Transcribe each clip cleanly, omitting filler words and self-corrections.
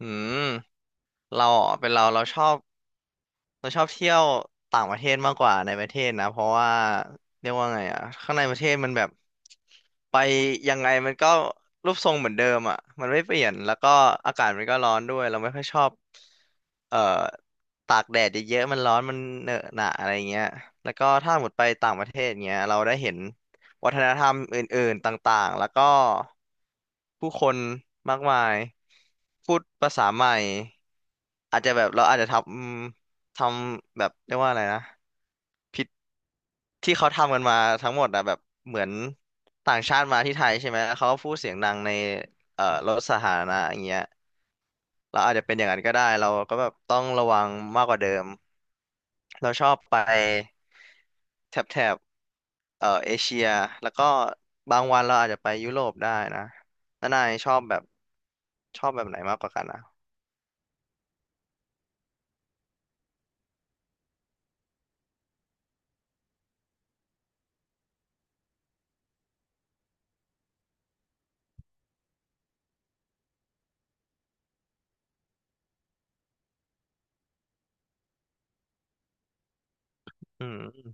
อืมเราอ่ะเป็นเราเราชอบ เราชอบเที่ยวต่างประเทศมากกว่าในประเทศนะเพราะว่าเรียกว่าไงอ่ะข้างในประเทศมันแบบไปยังไงมันก็รูปทรงเหมือนเดิมอ่ะมันไม่เปลี่ยนแล้วก็อากาศมันก็ร้อนด้วยเราไม่ค่อยชอบเอ่อตากแดดเยอะๆมันร้อนมันเหนอะหนะอะไรเงี้ยแล้วก็ถ้าหมดไปต่างประเทศเงี้ยเราได้เห็นวัฒนธรรมอื่นๆต่างๆแล้วก็ผู้คนมากมายพูดภาษาใหม่อาจจะแบบเราอาจจะำ ทำแบบเรียกว่าอะไรนะพิธที่เขาทำกันมาทั้งหมดอะแบบเหมือนต่างชาติมาที่ไทยใช่ไหมแล้วเขาก็พูดเสียงดังในรถสาธารณะอย่างเงี้ยเราอาจจะเป็นอย่างนั้นก็ได้เราก็แบบต้องระวังมากกว่าเดิมเราชอบไปแถบเอเชียแล้วก็บางวันเราอาจจะไปยุโรปได้นะแล้วนายชอบแบบชอบแบบไหนมากกว่ากันอ่ะอืม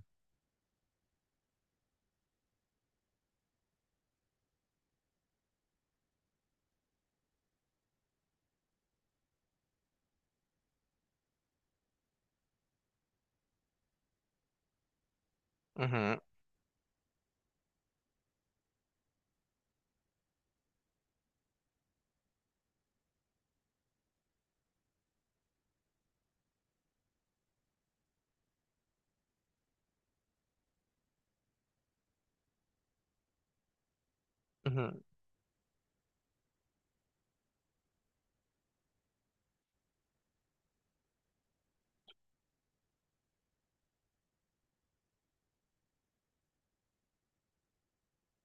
อือหืออือหือ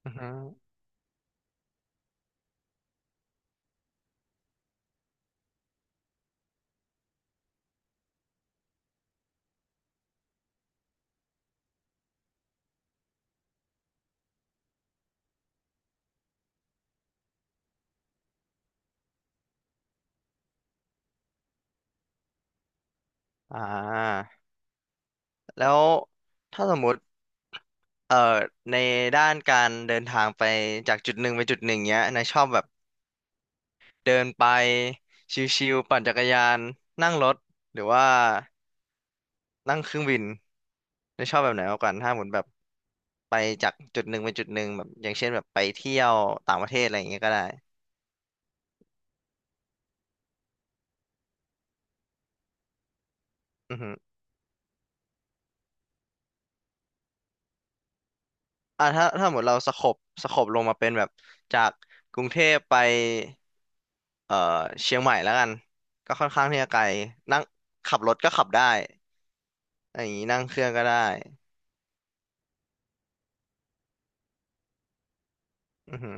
อือหืออ่า แล้วถ้าสมมุติเอ่อในด้านการเดินทางไปจากจุดหนึ่งไปจุดหนึ่งเนี้ยนายชอบแบบเดินไปชิวๆปั่นจักรยานนั่งรถหรือว่านั่งเครื่องบินนายชอบแบบไหนมากกว่ากันถ้าหมุนแบบไปจากจุดหนึ่งไปจุดหนึ่งแบบอย่างเช่นแบบไปเที่ยวต่างประเทศอะไรอย่างเงี้ยก็ได้อือฮึอ่าถ้าหมดเราสโคบลงมาเป็นแบบจากกรุงเทพไปเอ่อเชียงใหม่แล้วกันก็ค่อนข้างที่จะไกลนั่งขับรถก็ขับได้ อย่างนี้นั่งเครื่องก็ได้อือหือ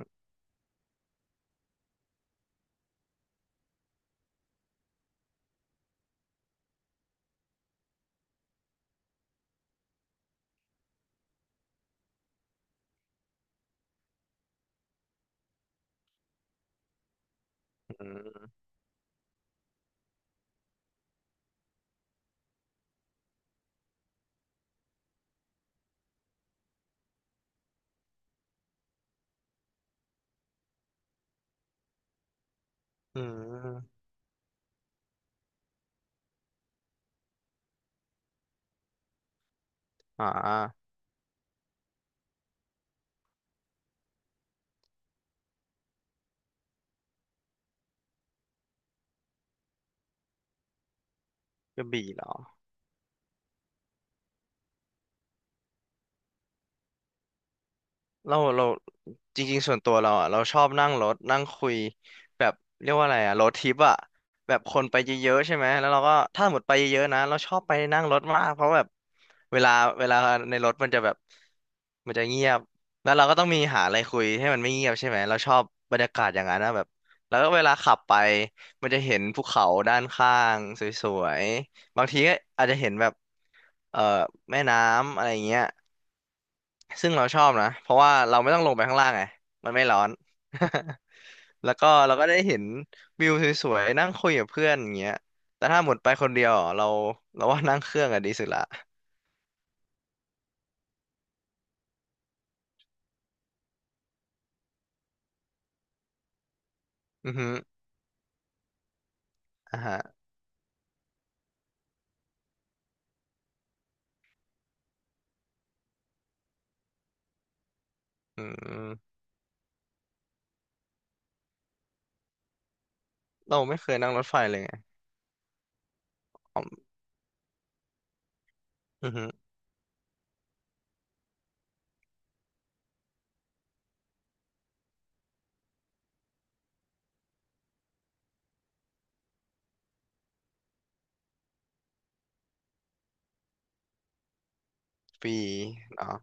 อือหืออ่ากระบี่เหรอ เราจริงๆส่วนตัวเราอ่ะเราชอบนั่งรถนั่งคุยแบบเรียกว่าอะไรอ่ะรถทิปอ่ะแบบคนไปเยอะๆใช่ไหมแล้วเราก็ถ้าหมดไปเยอะๆนะเราชอบไปนั่งรถมากเพราะแบบเวลาเวลาในรถมันจะแบบมันจะเงียบแล้วเราก็ต้องมีหาอะไรคุยให้มันไม่เงียบใช่ไหมเราชอบบรรยากาศอย่างนั้นนะแบบแล้วก็เวลาขับไปมันจะเห็นภูเขาด้านข้างสวยๆบางทีก็อาจจะเห็นแบบเอ่อแม่น้ำอะไรเงี้ย ซึ่งเราชอบนะเพราะว่าเราไม่ต้องลงไปข้างล่างไงมันไม่ร้อน แล้วก็เราก็ได้เห็นวิวสวยๆนั่งคุยกับเพื่อนอย่างเงี้ยแต่ถ้าหมดไปคนเดียวอ่ะเราว่านั่งเครื่องอะดีสุดละอือฮึอ่าฮะอืมเราไม่เคยนั่งรถไฟเลยไงอ๋ออือฮึปีเนาะ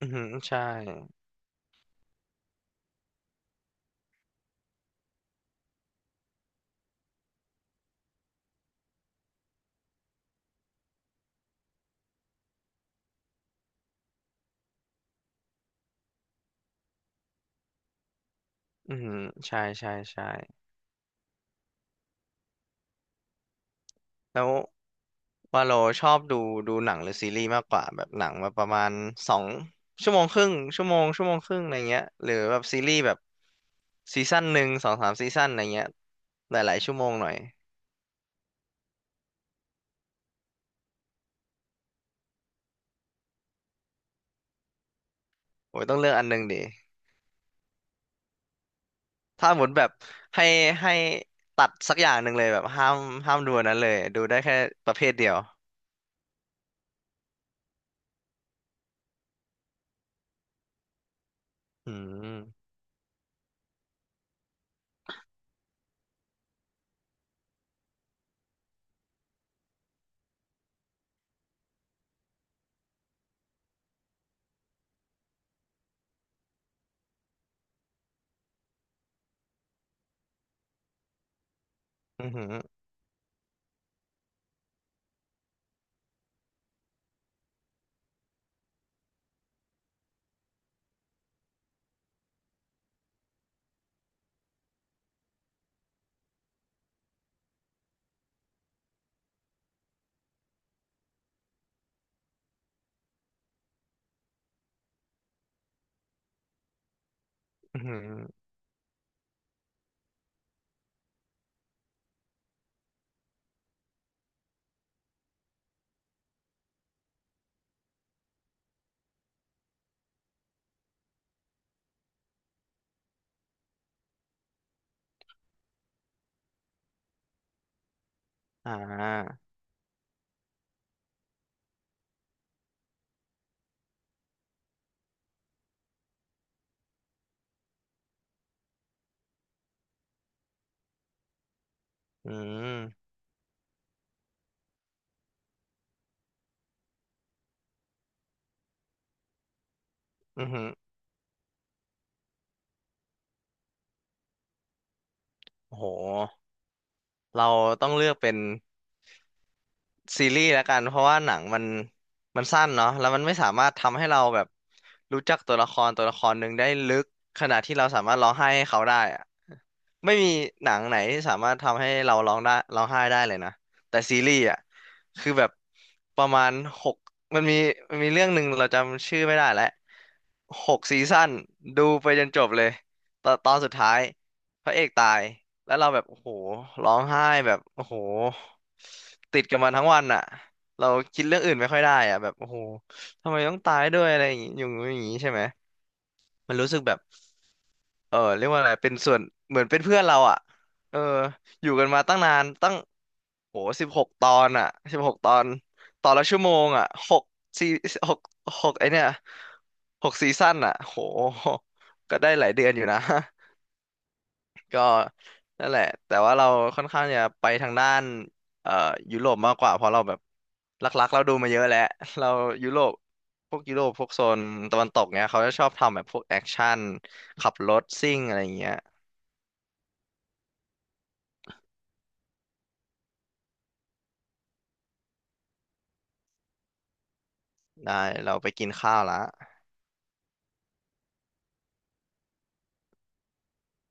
อือฮึใช่อือฮึใช่ใช่ใช่แล้ว ว่าเราชอบดูหนังหรือซีรีส์มากกว่าแบบหนังแบบประมาณ2 ชั่วโมงครึ่งชั่วโมงชั่วโมงครึ่งอะไรเงี้ยหรือแบบซีรีส์แบบซีซั่นหนึ่งสองสามซีซั่นอะไรเงี้ยหลายๆชั่วโมงหน่อยโอ้ยต้องเลือกอันหนึ่งดิถ้าหมดแบบให้ให้ตัดสักอย่างหนึ่งเลยแบบห้ามดูอันนั้นเลยดูได้แค่ประเภทเดียวอืมอือหืออือหืออ่าอืมอือหือโอ้โหเราต้องเลือกเป็น ซีรีส์แล้วกันเพราะว่าหนังมันสั้นเนาะแล้วมันไม่สามารถทำให้เราแบบรู้จักตัวละครหนึ่งได้ลึกขนาดที่เราสามารถร้องไห้ให้เขาได้อะไม่มีหนังไหนที่สามารถทำให้เราร้องได้ร้องไห้ได้เลยนะแต่ซีรีส์อ่ะคือแบบประมาณหกมันมีมันมีเรื่องหนึ่งเราจำชื่อไม่ได้แล้วหกซีซั่นดูไปจนจบเลยตอนสุดท้ายพระเอกตาย แล้วเราแบบโอ้โหร้องไห้แบบโอ้โหติดกับมันทั้งวันอ่ะเราคิดเรื่องอื่นไม่ค่อยได้อ่ะแบบโอ้โหทำไมต้องตายด้วยอะไรอย่างงี้อย่างงี้อย่างงี้ใช่ไหมมันรู้สึกแบบเออเรียกว่าอะไรเป็นส่วนเหมือนเป็นเพื่อนเราอ่ะเอออยู่กันมาตั้งนานตั้งโหสิบหกตอนอ่ะสิบหกตอนตอนละชั่วโมงอ่ะหกซีหกหกไอเนี่ยหกซีซั่นอ่ะโหก็ได้หลายเดือนอยู่นะ ก็นั่นแหละแต่ว่าเราค่อนข้างจะไปทางด้านเอ่อยุโรปมากกว่าเพราะเราแบบหลักๆเราดูมาเยอะแล้ว เรายุโรปพวกยุโรปพวกโซนตะวันตกเนี้ยเขาจะชอบทำแบบพวกแอคชั่นขับรถซิ่งอะไรอย่างเงี้ยได้เราไปกินข้าวละ